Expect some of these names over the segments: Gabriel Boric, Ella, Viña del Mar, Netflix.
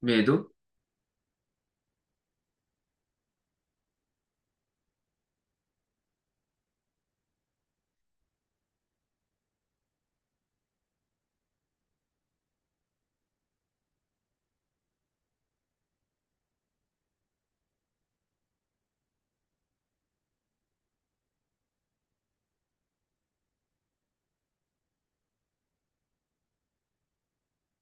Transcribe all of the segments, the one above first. Bien, ¿y tú?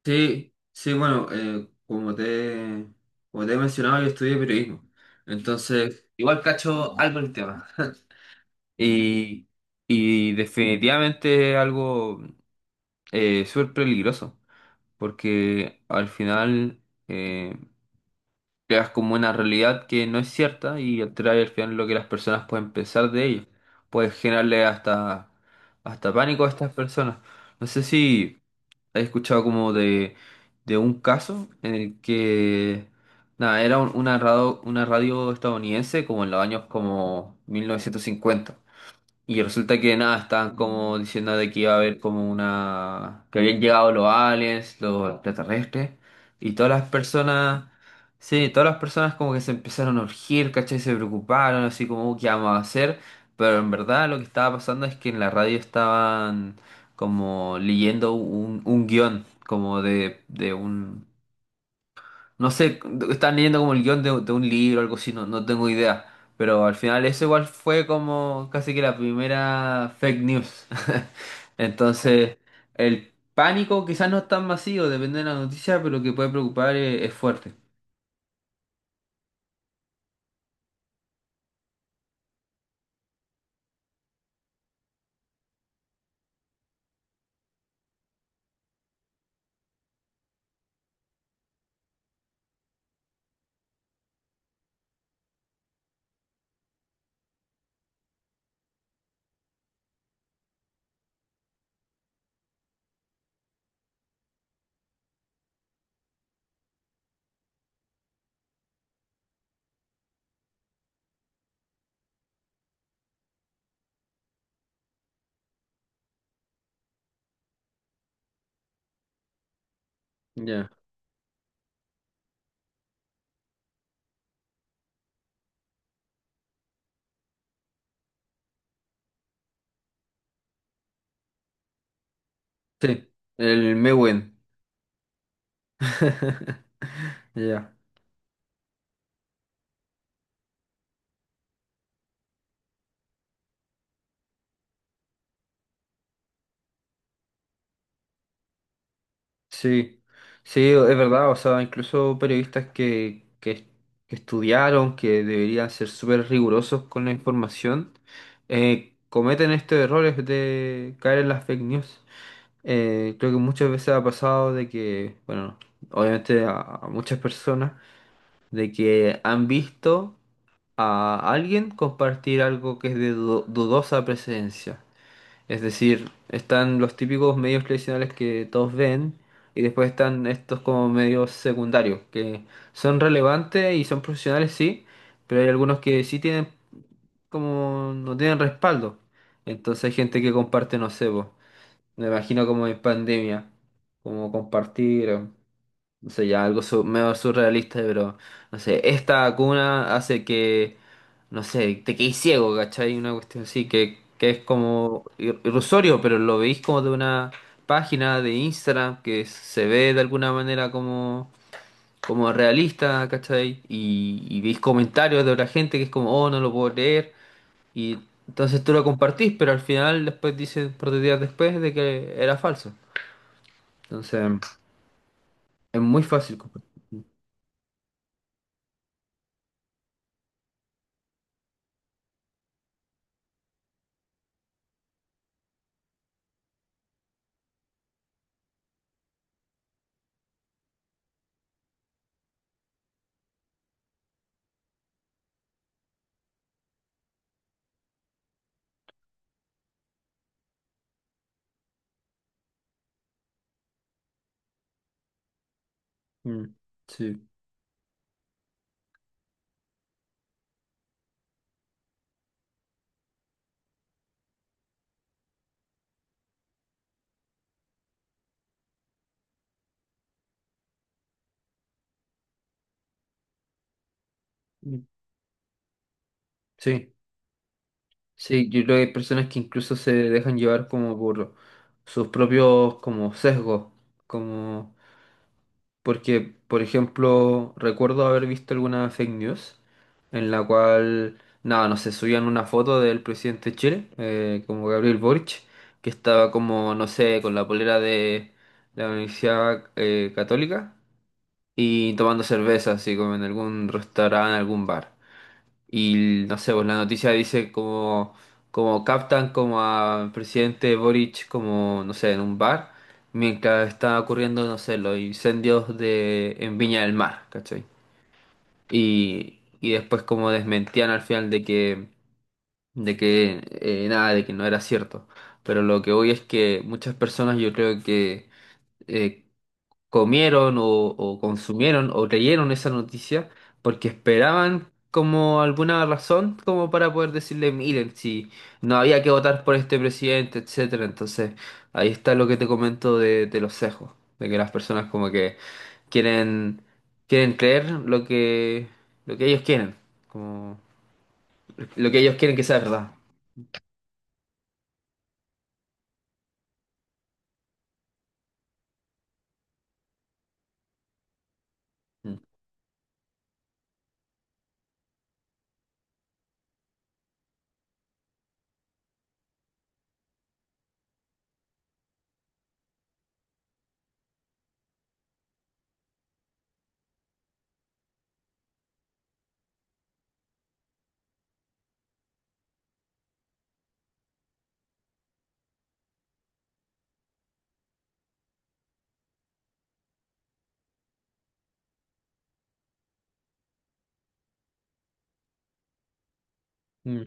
Sí, sí, bueno, como te he mencionado, yo estudié periodismo. Entonces, igual cacho algo en el tema. Y, y definitivamente es algo súper peligroso, porque al final eh, creas como una realidad que no es cierta y trae al final lo que las personas pueden pensar de ello. Puedes generarle hasta pánico a estas personas. No sé si he escuchado como de un caso en el que, nada, era una radio estadounidense como en los años como 1950. Y resulta que nada, estaban como diciendo de que iba a haber como una, que habían llegado los aliens, los extraterrestres, y todas las personas, sí, todas las personas como que se empezaron a urgir, ¿cachai? Se preocuparon, así como, ¿qué vamos a hacer?" Pero en verdad lo que estaba pasando es que en la radio estaban como leyendo un guión, como de un, no sé, están leyendo como el guión de un libro o algo así, no tengo idea. Pero al final eso igual fue como casi que la primera fake news. Entonces, el pánico quizás no es tan masivo, depende de la noticia, pero que puede preocupar es fuerte. Ya. Sí, el Mewen. Ya. Sí, sí, es verdad, o sea, incluso periodistas que que estudiaron, que deberían ser súper rigurosos con la información, cometen estos errores de caer en las fake news. Creo que muchas veces ha pasado de que, bueno, obviamente a muchas personas, de que han visto a alguien compartir algo que es de dudosa presencia. Es decir, están los típicos medios tradicionales que todos ven y después están estos como medios secundarios que son relevantes y son profesionales, sí, pero hay algunos que sí tienen como no tienen respaldo. Entonces hay gente que comparte, no sé, po, me imagino como en pandemia, como compartir, no sé, ya algo medio surrealista, pero no sé, esta vacuna hace que no sé, te quedís ciego, ¿cachai? Una cuestión así que es como irrisorio, pero lo veis como de una página de Instagram que se ve de alguna manera como realista, ¿cachai? Y veis comentarios de otra gente que es como, oh, no lo puedo creer. Y entonces tú lo compartís, pero al final después dices, por dos días después, de que era falso. Entonces, es muy fácil compartir. Mm, sí. Mm. Sí. Sí, yo creo que hay personas que incluso se dejan llevar como por sus propios como sesgos, como porque, por ejemplo, recuerdo haber visto alguna fake news en la cual, nada, no sé, subían una foto del presidente de Chile, como Gabriel Boric, que estaba como, no sé, con la polera de la Universidad Católica y tomando cerveza, así como en algún restaurante, en algún bar. Y no sé, pues la noticia dice como, como captan como al presidente Boric como, no sé, en un bar, mientras está ocurriendo, no sé, los incendios de, en Viña del Mar, ¿cachai? Y después como desmentían al final de que nada, de que no era cierto. Pero lo que hoy es que muchas personas yo creo que eh, comieron o consumieron o creyeron esa noticia porque esperaban como alguna razón como para poder decirle, miren, si no había que votar por este presidente, etcétera. Entonces, ahí está lo que te comento de los sesgos, de que las personas como que quieren quieren creer lo que ellos quieren, como lo que ellos quieren que sea verdad. Mm. Mm.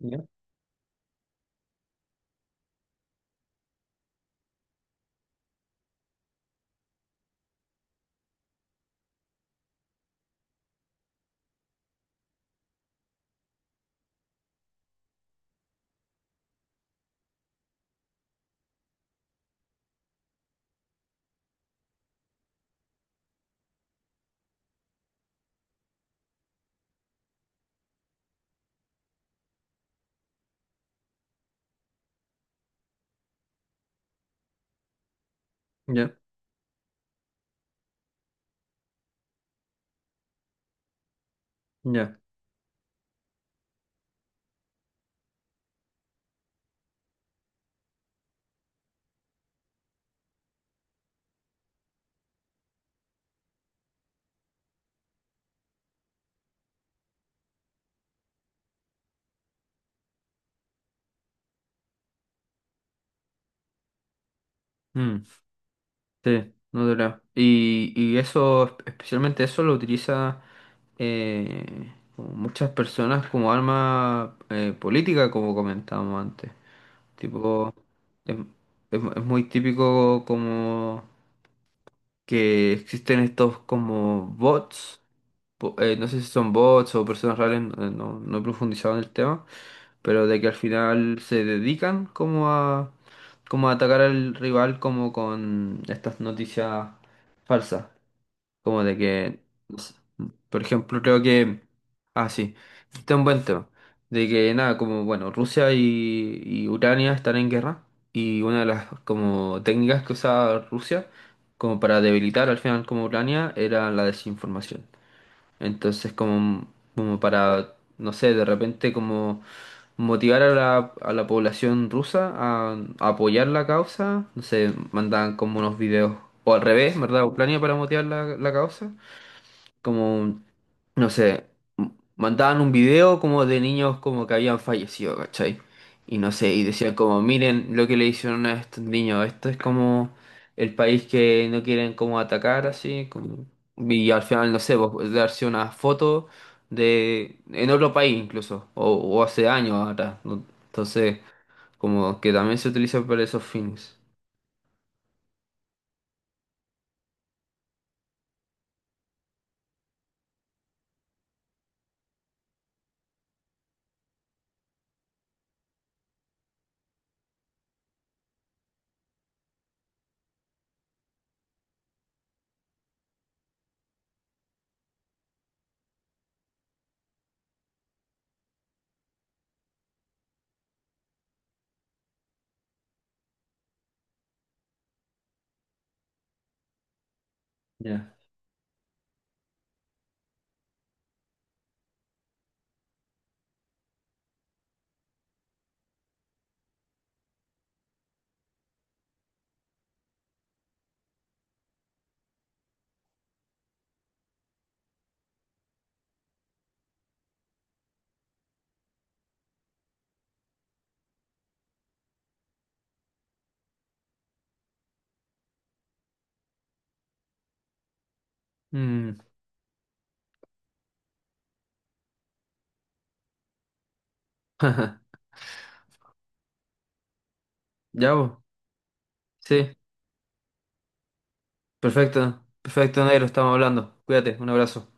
Ya, ya, ya. Sí, no te creo. Y eso, especialmente eso lo utiliza como muchas personas como arma política, como comentábamos antes. Tipo, es, es muy típico como que existen estos como bots, no sé si son bots o personas reales, no, no he profundizado en el tema, pero de que al final se dedican como como a atacar al rival como con estas noticias falsas. Como de que, no sé, por ejemplo, creo que, ah, sí, este es un buen tema, de que nada, como, bueno, Rusia y Ucrania están en guerra y una de las como técnicas que usaba Rusia como para debilitar al final como Ucrania era la desinformación. Entonces, como, como para, no sé, de repente como motivar a a la población rusa a apoyar la causa, no sé, mandaban como unos videos, o al revés, ¿verdad? Ucrania para motivar la causa como, no sé, mandaban un video como de niños como que habían fallecido, ¿cachai? Y no sé, y decían como, miren lo que le hicieron a estos niños, esto es como el país que no quieren como atacar así, como, y al final, no sé, pues, darse una foto de, en otro país incluso, o hace años atrás, ¿no? Entonces, como que también se utiliza para esos fines. Ya. Mm. Ya, vos. Sí, perfecto, perfecto, negro, estamos hablando. Cuídate, un abrazo.